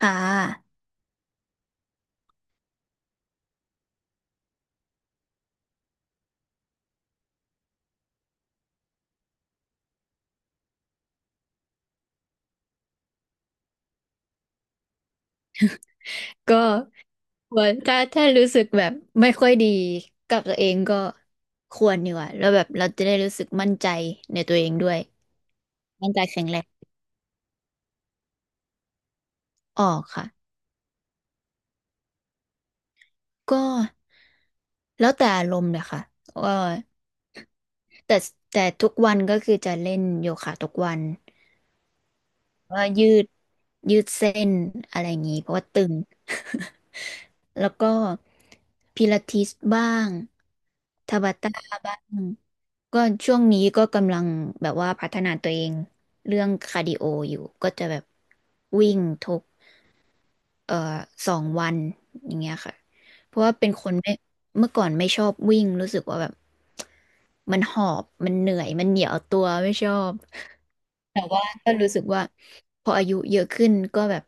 อ่าก็ควรถ้ารู้สึกแบบไม่ค่อยดีกับตัวเองก็ควรดีกว่าแล้วแบบเราจะได้รู้สึกมั่นใจในตัวเองด้วยมั่นใจแข็งแรงออกค่ะก็แล้วแต่อารมณ์เลยค่ะว่าแต่ทุกวันก็คือจะเล่นโยคะทุกวัน ว่ายืดเส้นอะไรอย่างนี้เพราะว่าตึง แล้วก็พิลาทิสบ้างทาบาตาบ้างก็ช่วงนี้ก็กำลังแบบว่าพัฒนาตัวเองเรื่องคาร์ดิโออยู่ก็จะแบบวิ่งทุกเอ่อ2 วันอย่างเงี้ยค่ะเพราะว่าเป็นคนไม่เมื่อก่อนไม่ชอบวิ่งรู้สึกว่าแบบมันหอบมันเหนื่อยมันเหนียวตัวไม่ชอบ แต่ว่าก็รู้สึกว่าพออายุเยอะขึ้นก็แบบ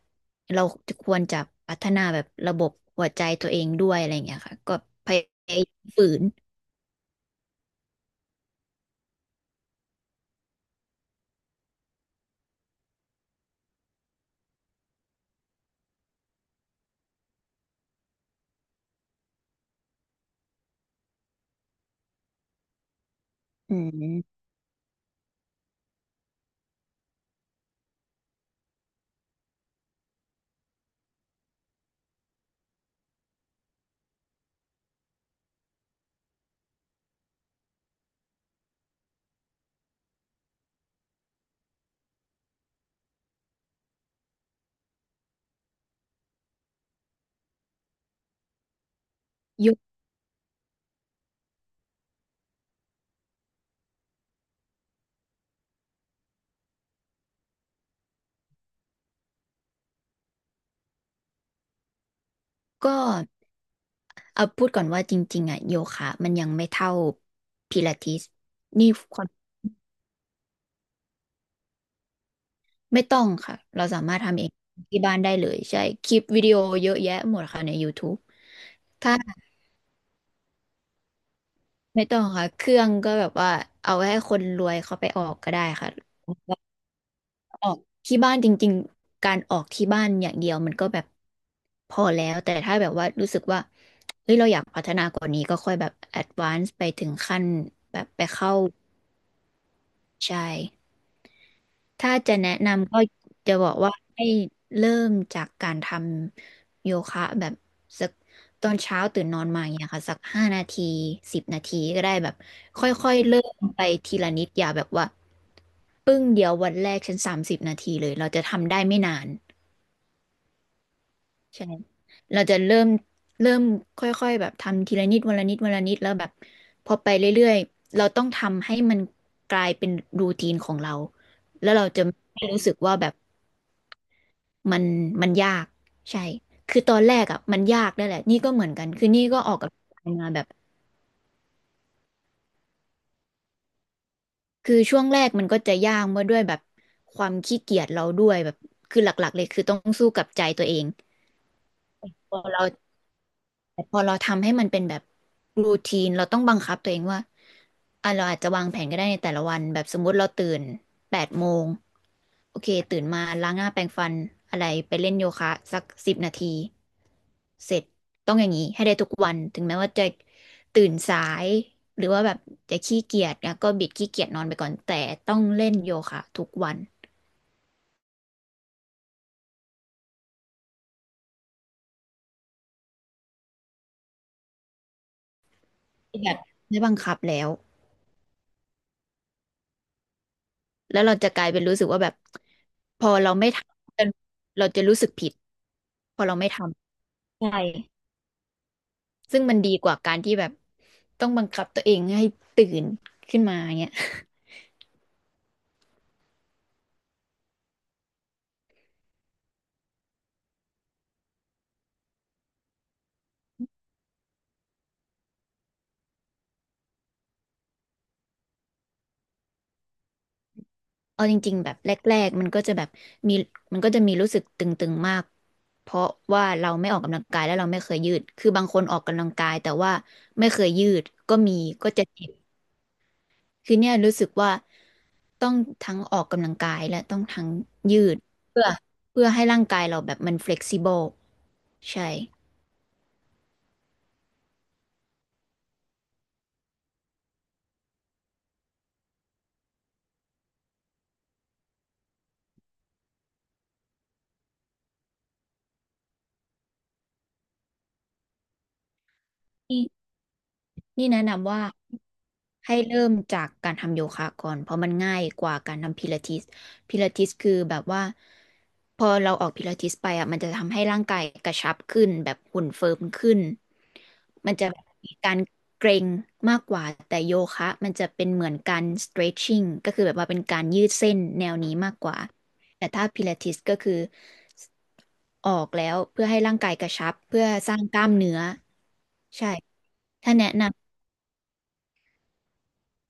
เราจะควรจะพัฒนาแบบระบบหัวใจตัวเองด้วยอะไรอย่างเงี้ยค่ะก็พยายามฝืนอืมโยก็เอาพูดก่อนว่าจริงๆอ่ะโยคะมันยังไม่เท่าพิลาทิสนี่ความไม่ต้องค่ะเราสามารถทำเองที่บ้านได้เลยใช่คลิปวิดีโอเยอะแยะหมดค่ะใน YouTube ถ้าไม่ต้องค่ะเครื่องก็แบบว่าเอาไว้ให้คนรวยเขาไปออกก็ได้ค่ะ ออกที่บ้านจริงๆ การออกที่บ้านอย่างเดียวมันก็แบบพอแล้วแต่ถ้าแบบว่ารู้สึกว่าเฮ้ยเราอยากพัฒนากว่านี้ก็ค่อยแบบแอดวานซ์ไปถึงขั้นแบบไปเข้าใช่ถ้าจะแนะนำก็จะบอกว่าให้เริ่มจากการทำโยคะแบบสักตอนเช้าตื่นนอนมาอย่างเงี้ยค่ะสัก5 นาทีสิบนาทีก็ได้แบบค่อยๆเริ่มไปทีละนิดอย่าแบบว่าปึ้งเดียววันแรกฉัน30 นาทีเลยเราจะทำได้ไม่นาน ใช่เราจะเริ่มเริ่มค่อยๆแบบทำทีละนิดวันละนิดวันละนิดแล้วแบบพอไปเรื่อยๆเราต้องทำให้มันกลายเป็นรูทีนของเราแล้วเราจะไม่รู้สึกว่าแบบมันมันยากใช่คือตอนแรกอ่ะมันยากนั่นแหละนี่ก็เหมือนกันคือนี่ก็ออกกับมาแบบคือช่วงแรกมันก็จะยากมาด้วยแบบความขี้เกียจเราด้วยแบบคือหลักๆเลยคือต้องสู้กับใจตัวเองพอเรา พอเราทำให้มันเป็นแบบรูทีนเราต้องบังคับตัวเองว่าอ่ะเราอาจจะวางแผนก็ได้ในแต่ละวันแบบสมมุติเราตื่น8 โมงโอเคตื่นมาล้างหน้าแปรงฟันอะไรไปเล่นโยคะสักสิบนาทีเสร็จต้องอย่างนี้ให้ได้ทุกวันถึงแม้ว่าจะตื่นสายหรือว่าแบบจะขี้เกียจนะก็บิดขี้เกียจนอนไปก่อนแต่ต้องเล่นโยคะทุกวันแบบไม่บังคับแล้ว แล้วเราจะกลายเป็นรู้สึกว่าแบบพอเราไม่ทำเราจะรู้สึกผิดพอเราไม่ทใช่ำซึ่งมันดีกว่าการที่แบบต้องบังคับตัวเองให้ตื่นขึ้นมาเงี้ย เอาจริงๆแบบแรกๆมันก็จะแบบมีมันก็จะมีรู้สึกตึงๆมากเพราะว่าเราไม่ออกกำลังกายแล้วเราไม่เคยยืดคือบางคนออกกำลังกายแต่ว่าไม่เคยยืดก็มีก็จะเจ็บ คือเนี่ยรู้สึกว่าต้องทั้งออกกำลังกายและต้องทั้งยืดเพื่อให้ร่างกายเราแบบมัน flexible ใช่นี่นี่แนะนำว่า ให้เริ่มจากการทำโยคะก่อนเพราะมันง่ายกว่าการทำพิลาทิสพิลาทิสคือแบบว่าพอเราออกพิลาทิสไปอ่ะมันจะทำให้ร่างกายกระชับขึ้นแบบหุ่นเฟิร์มขึ้นมันจะมีการเกร็งมากกว่าแต่โยคะมันจะเป็นเหมือนการ stretching ก็คือแบบว่าเป็นการยืดเส้นแนวนี้มากกว่าแต่ถ้าพิลาทิสก็คือออกแล้วเพื่อให้ร่างกายกระชับเพื่อสร้างกล้ามเนื้อใช่ถ้าแนะน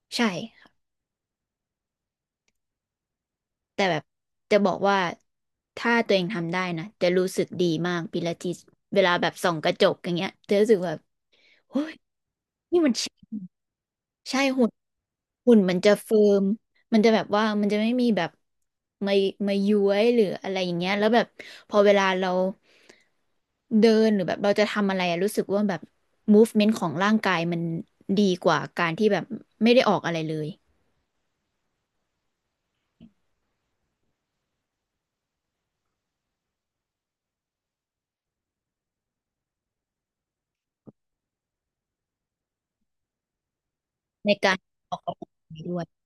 ำใช่ แต่แบบจะบอกว่าถ้าตัวเองทำได้นะจะรู้สึกดีมากปิลาทิสเวลาแบบส่องกระจกอย่างเงี้ยจะรู้สึกแบบโอ้ยนี่มันใช่ใช่หุ่นมันจะเฟิร์มมันจะแบบว่ามันจะไม่มีแบบมามาย้วยหรืออะไรอย่างเงี้ยแล้วแบบพอเวลาเราเดินหรือแบบเราจะทำอะไรอะรู้สึกว่าแบบม o ฟเมน n ์ของร่างกายมันดีกว่าการที่แบบไม่ได้ออกอะไรเลยในการออกกำลังกายด้วย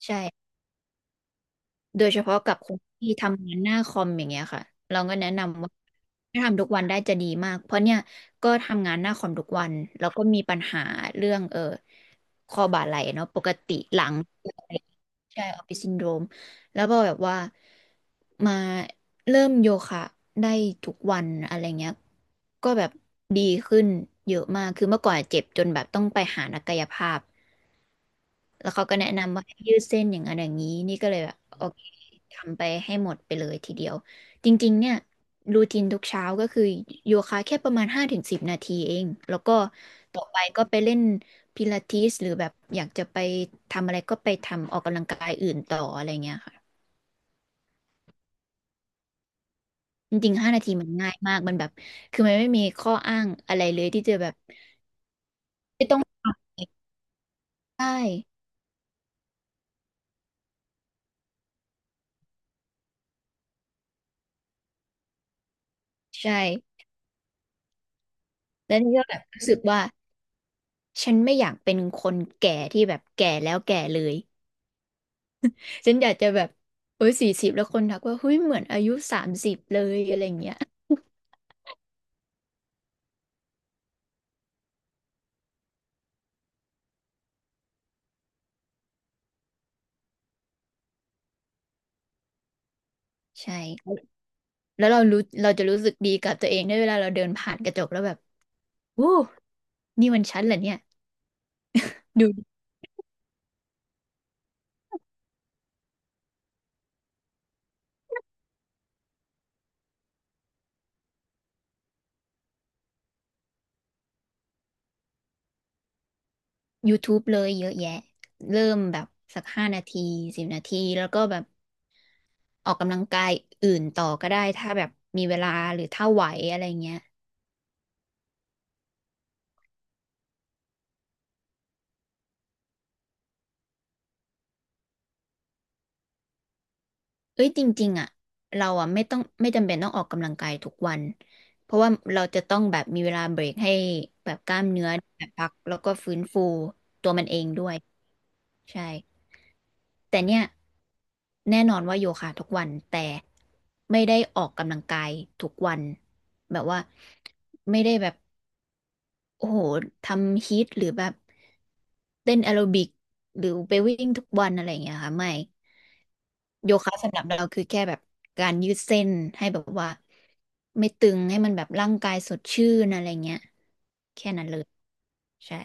ใช่ โดยเฉพาะกับคนที่ทำงานหน้าคอมอย่างเงี้ยค่ะเราก็แนะนำว่าถ้าทำทุกวันได้จะดีมากเพราะเนี่ยก็ทำงานหน้าคอมทุกวันแล้วก็มีปัญหาเรื่องคอบ่าไหล่เนาะปกติหลังใช่ออฟฟิศซินโดรมแล้วพอแบบว่ามาเริ่มโยคะได้ทุกวันอะไรเงี้ยก็แบบดีขึ้นเยอะมากคือเมื่อก่อนเจ็บจนแบบต้องไปหานักกายภาพ แล้วเขาก็แนะนำว่าให้ยืดเส้นอย่างนั้นอย่างนี้นี่ก็เลยแบบโอเคทำไปให้หมดไปเลยทีเดียวจริงๆเนี่ยรูทีนทุกเช้าก็คือโยคะแค่ประมาณ5 ถึง 10 นาทีเองแล้วก็ต่อไปก็ไปเล่นพิลาทิสหรือแบบอยากจะไปทำอะไรก็ไปทำออกกำลังกายอื่นต่ออะไรเงี้ยค่ะจริงๆห้านาทีมันง่ายมากมันแบบคือมันไม่มีข้ออ้างอะไรเลยที่จะแบบใช่ใช่แล้วนี่ก็แบบรู้สึกว่าฉันไม่อยากเป็นคนแก่ที่แบบแก่แล้วแก่เลย ฉันอยากจะแบบเอ้ย40แล้วคนทักว่า เฮ้ยเหมือนอายุ30เลยอะไรอย่างเงี้ย ใช่ แล้วเรารู้เราจะรู้สึกดีกับตัวเองได้เวลาเราเดินผ่านกระจกแล้วแบบโอ้นี่มันฉันเหรอเนี่ย ดู YouTube เลยเยอะแยะเริ่มแบบสักห้านาทีสิบนาทีแล้วก็แบบออกกำลังกายอื่นต่อก็ได้ถ้าแบบมีเวลาหรือถ้าไหวอะไรเงี้ย เอ้ยจริงๆอ่ะเราอ่ะไม่ต้องไม่จำเป็นต้องออกกำลังกายทุกวันเพราะว่าเราจะต้องแบบมีเวลาเบรกให้แบบกล้ามเนื้อแบบพักแล้วก็ฟื้นฟูตัวมันเองด้วยใช่แต่เนี่ยแน่นอนว่าโยคะทุกวันแต่ไม่ได้ออกกำลังกายทุกวันแบบว่าไม่ได้แบบโอ้โหทำฮีทหรือแบบเต้นแอโรบิกหรือไปวิ่งทุกวันอะไรอย่างเงี้ยค่ะไม่ โยคะสำหรับเราคือแค่แบบการยืดเส้นให้แบบว่าไม่ตึงให้มันแบบร่างกายสดชื่นอะไรเงี้ยแค่นั้นเลยใช่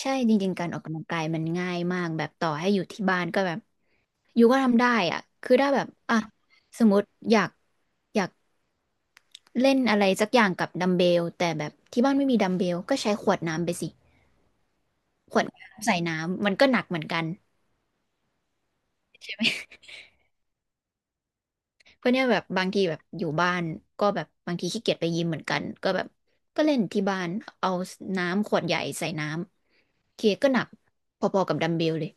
ใช่จริงๆการออกกำลังกายมันง่ายมากแบบต่อให้อยู่ที่บ้านก็แบบอยู่ก็ทำได้อ่ะคือได้แบบอ่ะสมมติอยากเล่นอะไรสักอย่างกับดัมเบลแต่แบบที่บ้านไม่มีดัมเบลก็ใช้ขวดน้ำไปสิขวดน้ำใส่น้ำมันก็หนักเหมือนกัน เพราะเนี่ยแบบบางทีแบบอยู่บ้านก็แบบบางทีขี้เกียจไปยิมเหมือนกันก็แบบก็เล่นที่บ้านเอาน้ำขวดใหญ่ใส่น้ำโอเคก็หนักพอๆกับดัมเบลเลย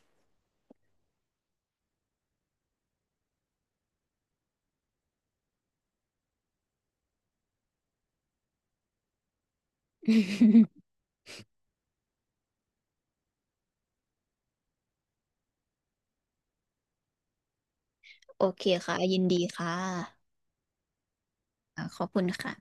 โอเคค่ะยินดีค่ะอ่าขอบคุณค่ะ